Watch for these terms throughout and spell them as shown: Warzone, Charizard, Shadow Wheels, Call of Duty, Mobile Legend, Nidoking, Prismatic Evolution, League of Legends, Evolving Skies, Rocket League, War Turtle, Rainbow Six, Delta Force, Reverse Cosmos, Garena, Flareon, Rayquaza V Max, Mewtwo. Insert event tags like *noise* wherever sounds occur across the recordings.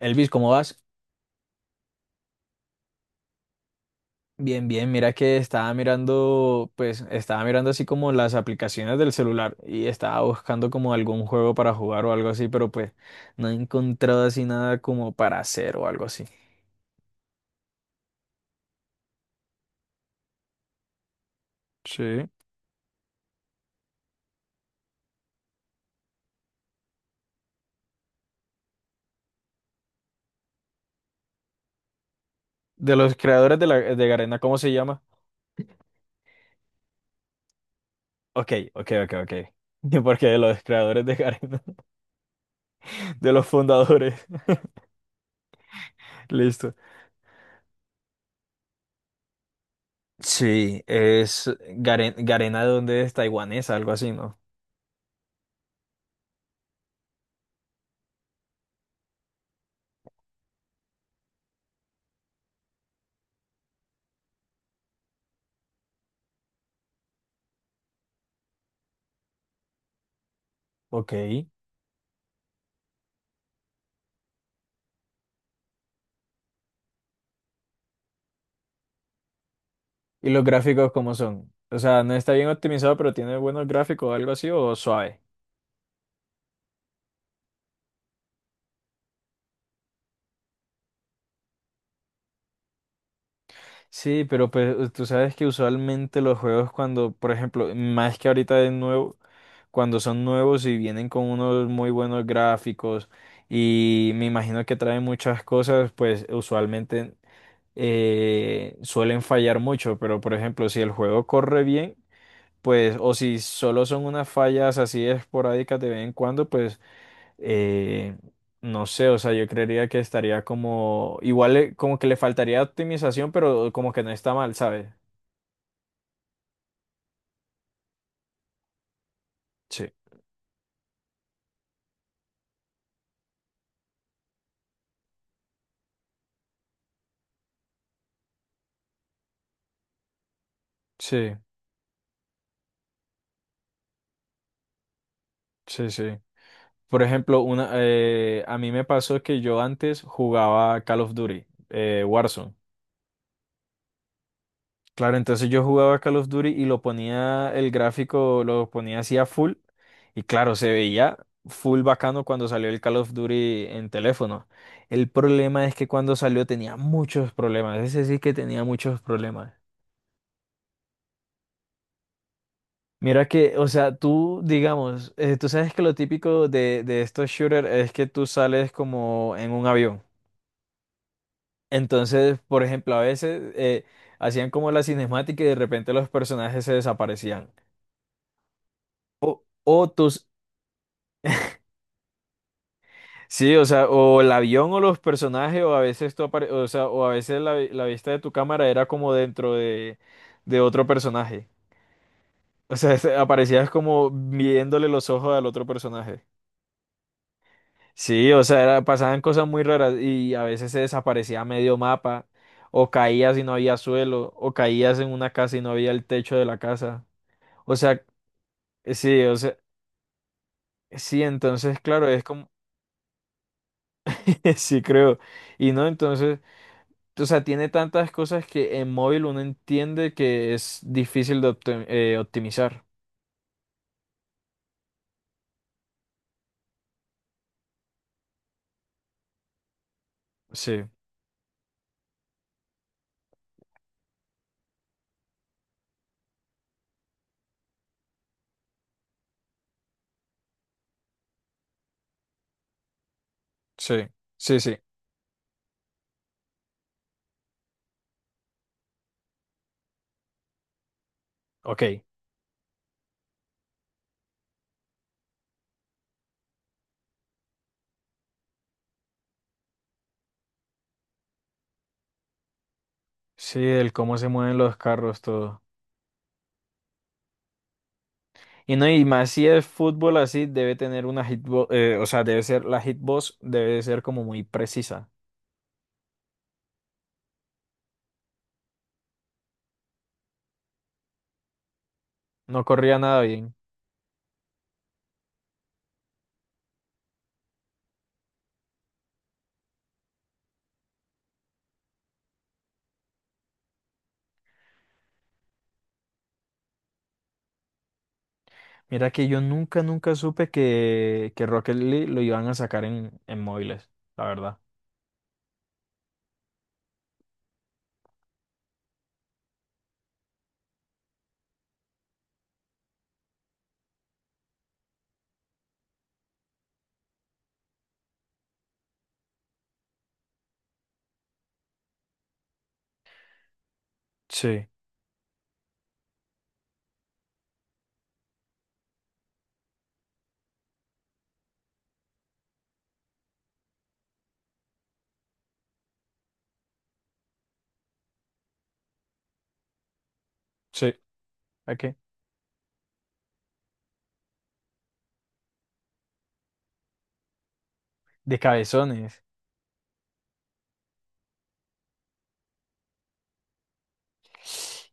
Elvis, ¿cómo vas? Bien, bien, mira que estaba mirando, pues estaba mirando así como las aplicaciones del celular y estaba buscando como algún juego para jugar o algo así, pero pues no he encontrado así nada como para hacer o algo así. Sí. De los creadores de, la, de Garena, ¿cómo se llama? Ok, ok, ok, ok. *laughs* Porque de los creadores de Garena, *laughs* de los fundadores. *laughs* Listo. Sí, es Garena de donde es taiwanesa, algo así, ¿no? Ok. ¿Y los gráficos cómo son? O sea, no está bien optimizado, pero tiene buenos gráficos o algo así, o suave. Sí, pero pues tú sabes que usualmente los juegos cuando, por ejemplo, más que ahorita de nuevo, cuando son nuevos y vienen con unos muy buenos gráficos y me imagino que traen muchas cosas, pues usualmente suelen fallar mucho, pero por ejemplo, si el juego corre bien, pues, o si solo son unas fallas así esporádicas de vez en cuando, pues eh, no sé, o sea, yo creería que estaría como, igual como que le faltaría optimización, pero como que no está mal, ¿sabes? Sí, sí, sí, sí. Por ejemplo, una, a mí me pasó que yo antes jugaba Call of Duty, Warzone. Claro, entonces yo jugaba Call of Duty y lo ponía, el gráfico lo ponía así a full y claro, se veía full bacano cuando salió el Call of Duty en teléfono. El problema es que cuando salió tenía muchos problemas, ese sí que tenía muchos problemas. Mira que, o sea, tú, digamos, tú sabes que lo típico de estos shooters es que tú sales como en un avión. Entonces, por ejemplo, a veces hacían como la cinemática y de repente los personajes se desaparecían. O tus. Sí, o sea, o el avión o los personajes, o a veces o sea, o a veces la, la vista de tu cámara era como dentro de otro personaje. O sea, aparecías como viéndole los ojos al otro personaje. Sí, o sea, pasaban cosas muy raras y a veces se desaparecía medio mapa, o caías y no había suelo, o caías en una casa y no había el techo de la casa. O sea, sí, o sea, sí, entonces, claro, es como, *laughs* sí, creo. Y no, entonces. O sea, tiene tantas cosas que en móvil uno entiende que es difícil de optimizar. Sí, sí, sí, sí. Ok. Sí, el cómo se mueven los carros, todo. Y no, y más si es fútbol así, debe tener una hitbox, o sea, debe ser, la hitbox debe ser como muy precisa. No corría nada bien. Mira que yo nunca, nunca supe que Rocket League lo iban a sacar en móviles, la verdad. Sí, sí. ¿A qué? De cabezones.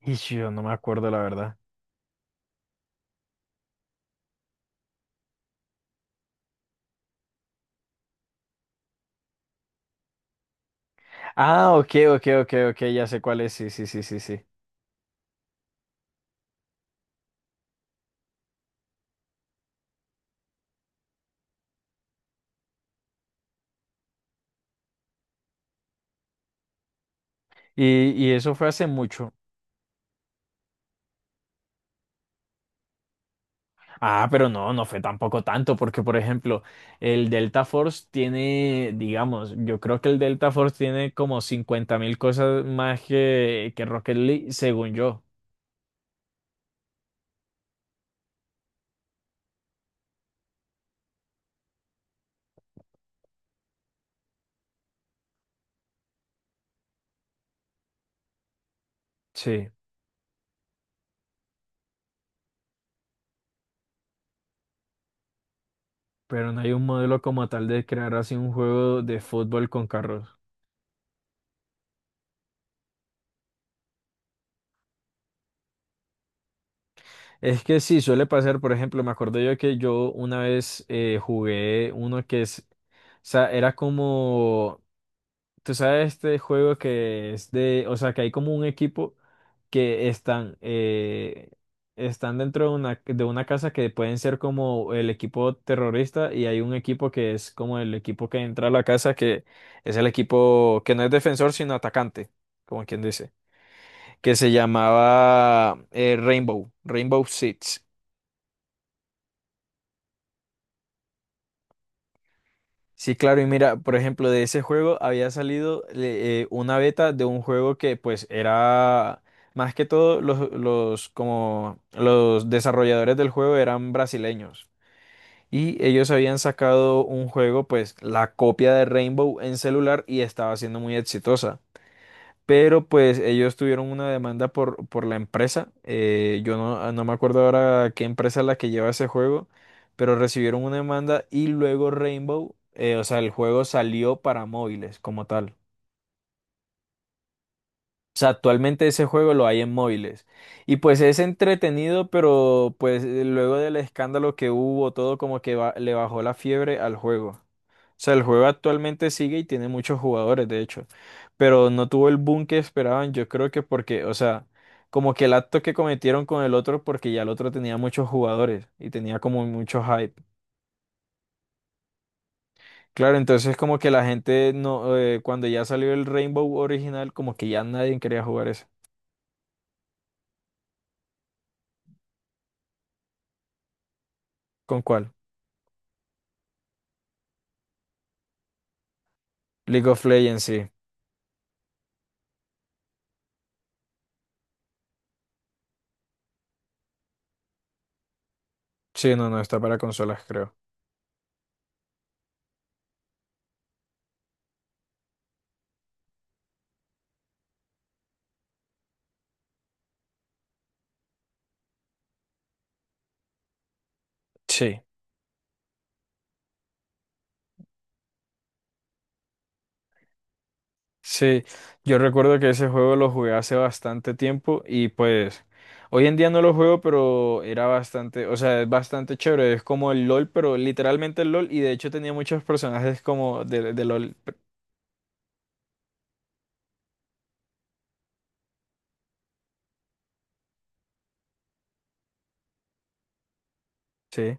Y sí, yo no me acuerdo la verdad. Ah, ok, ok, ok, ok, ya sé cuál es, sí, sí, sí, sí, sí. Y eso fue hace mucho. Ah, pero no, no fue tampoco tanto, porque por ejemplo, el Delta Force tiene, digamos, yo creo que el Delta Force tiene como 50.000 cosas más que Rocket League, según yo. Sí, pero no hay un modelo como tal de crear así un juego de fútbol con carros. Es que sí, suele pasar, por ejemplo, me acuerdo yo que yo una vez jugué uno que es, o sea, era como, tú sabes, este juego que es de, o sea, que hay como un equipo que están, están dentro de una casa que pueden ser como el equipo terrorista y hay un equipo que es como el equipo que entra a la casa, que es el equipo que no es defensor, sino atacante, como quien dice, que se llamaba Rainbow, Rainbow Six. Sí, claro, y mira, por ejemplo, de ese juego había salido una beta de un juego que pues era más que todo los como los desarrolladores del juego eran brasileños y ellos habían sacado un juego pues la copia de Rainbow en celular y estaba siendo muy exitosa. Pero pues ellos tuvieron una demanda por la empresa. Eh, yo no, no me acuerdo ahora qué empresa es la que lleva ese juego, pero recibieron una demanda y luego Rainbow, o sea, el juego salió para móviles como tal. O sea, actualmente ese juego lo hay en móviles. Y pues es entretenido, pero pues luego del escándalo que hubo, todo como que le bajó la fiebre al juego. O sea, el juego actualmente sigue y tiene muchos jugadores, de hecho, pero no tuvo el boom que esperaban, yo creo que porque, o sea, como que el acto que cometieron con el otro, porque ya el otro tenía muchos jugadores y tenía como mucho hype. Claro, entonces como que la gente no, cuando ya salió el Rainbow original, como que ya nadie quería jugar eso. ¿Con cuál? League of Legends, sí. Sí, no, no, está para consolas, creo. Sí. Sí, yo recuerdo que ese juego lo jugué hace bastante tiempo y pues hoy en día no lo juego, pero era bastante, o sea, es bastante chévere, es como el LOL, pero literalmente el LOL y de hecho tenía muchos personajes como de LOL. Sí,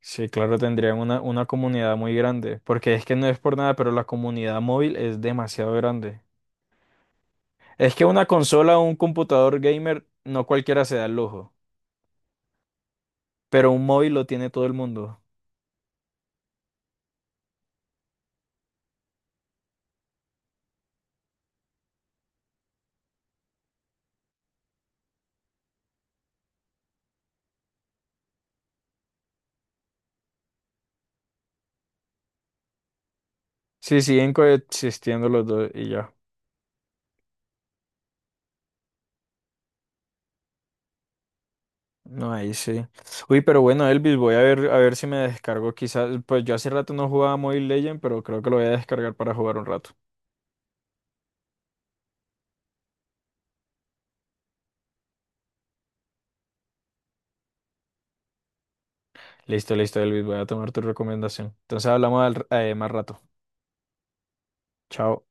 sí, claro, tendrían una comunidad muy grande, porque es que no es por nada, pero la comunidad móvil es demasiado grande. Es que una consola o un computador gamer no cualquiera se da el lujo, pero un móvil lo tiene todo el mundo. Sí, siguen coexistiendo los dos y ya. No, ahí sí. Uy, pero bueno, Elvis, voy a ver si me descargo quizás. Pues yo hace rato no jugaba Mobile Legend, pero creo que lo voy a descargar para jugar un rato. Listo, listo, Elvis, voy a tomar tu recomendación. Entonces hablamos más rato. Chao.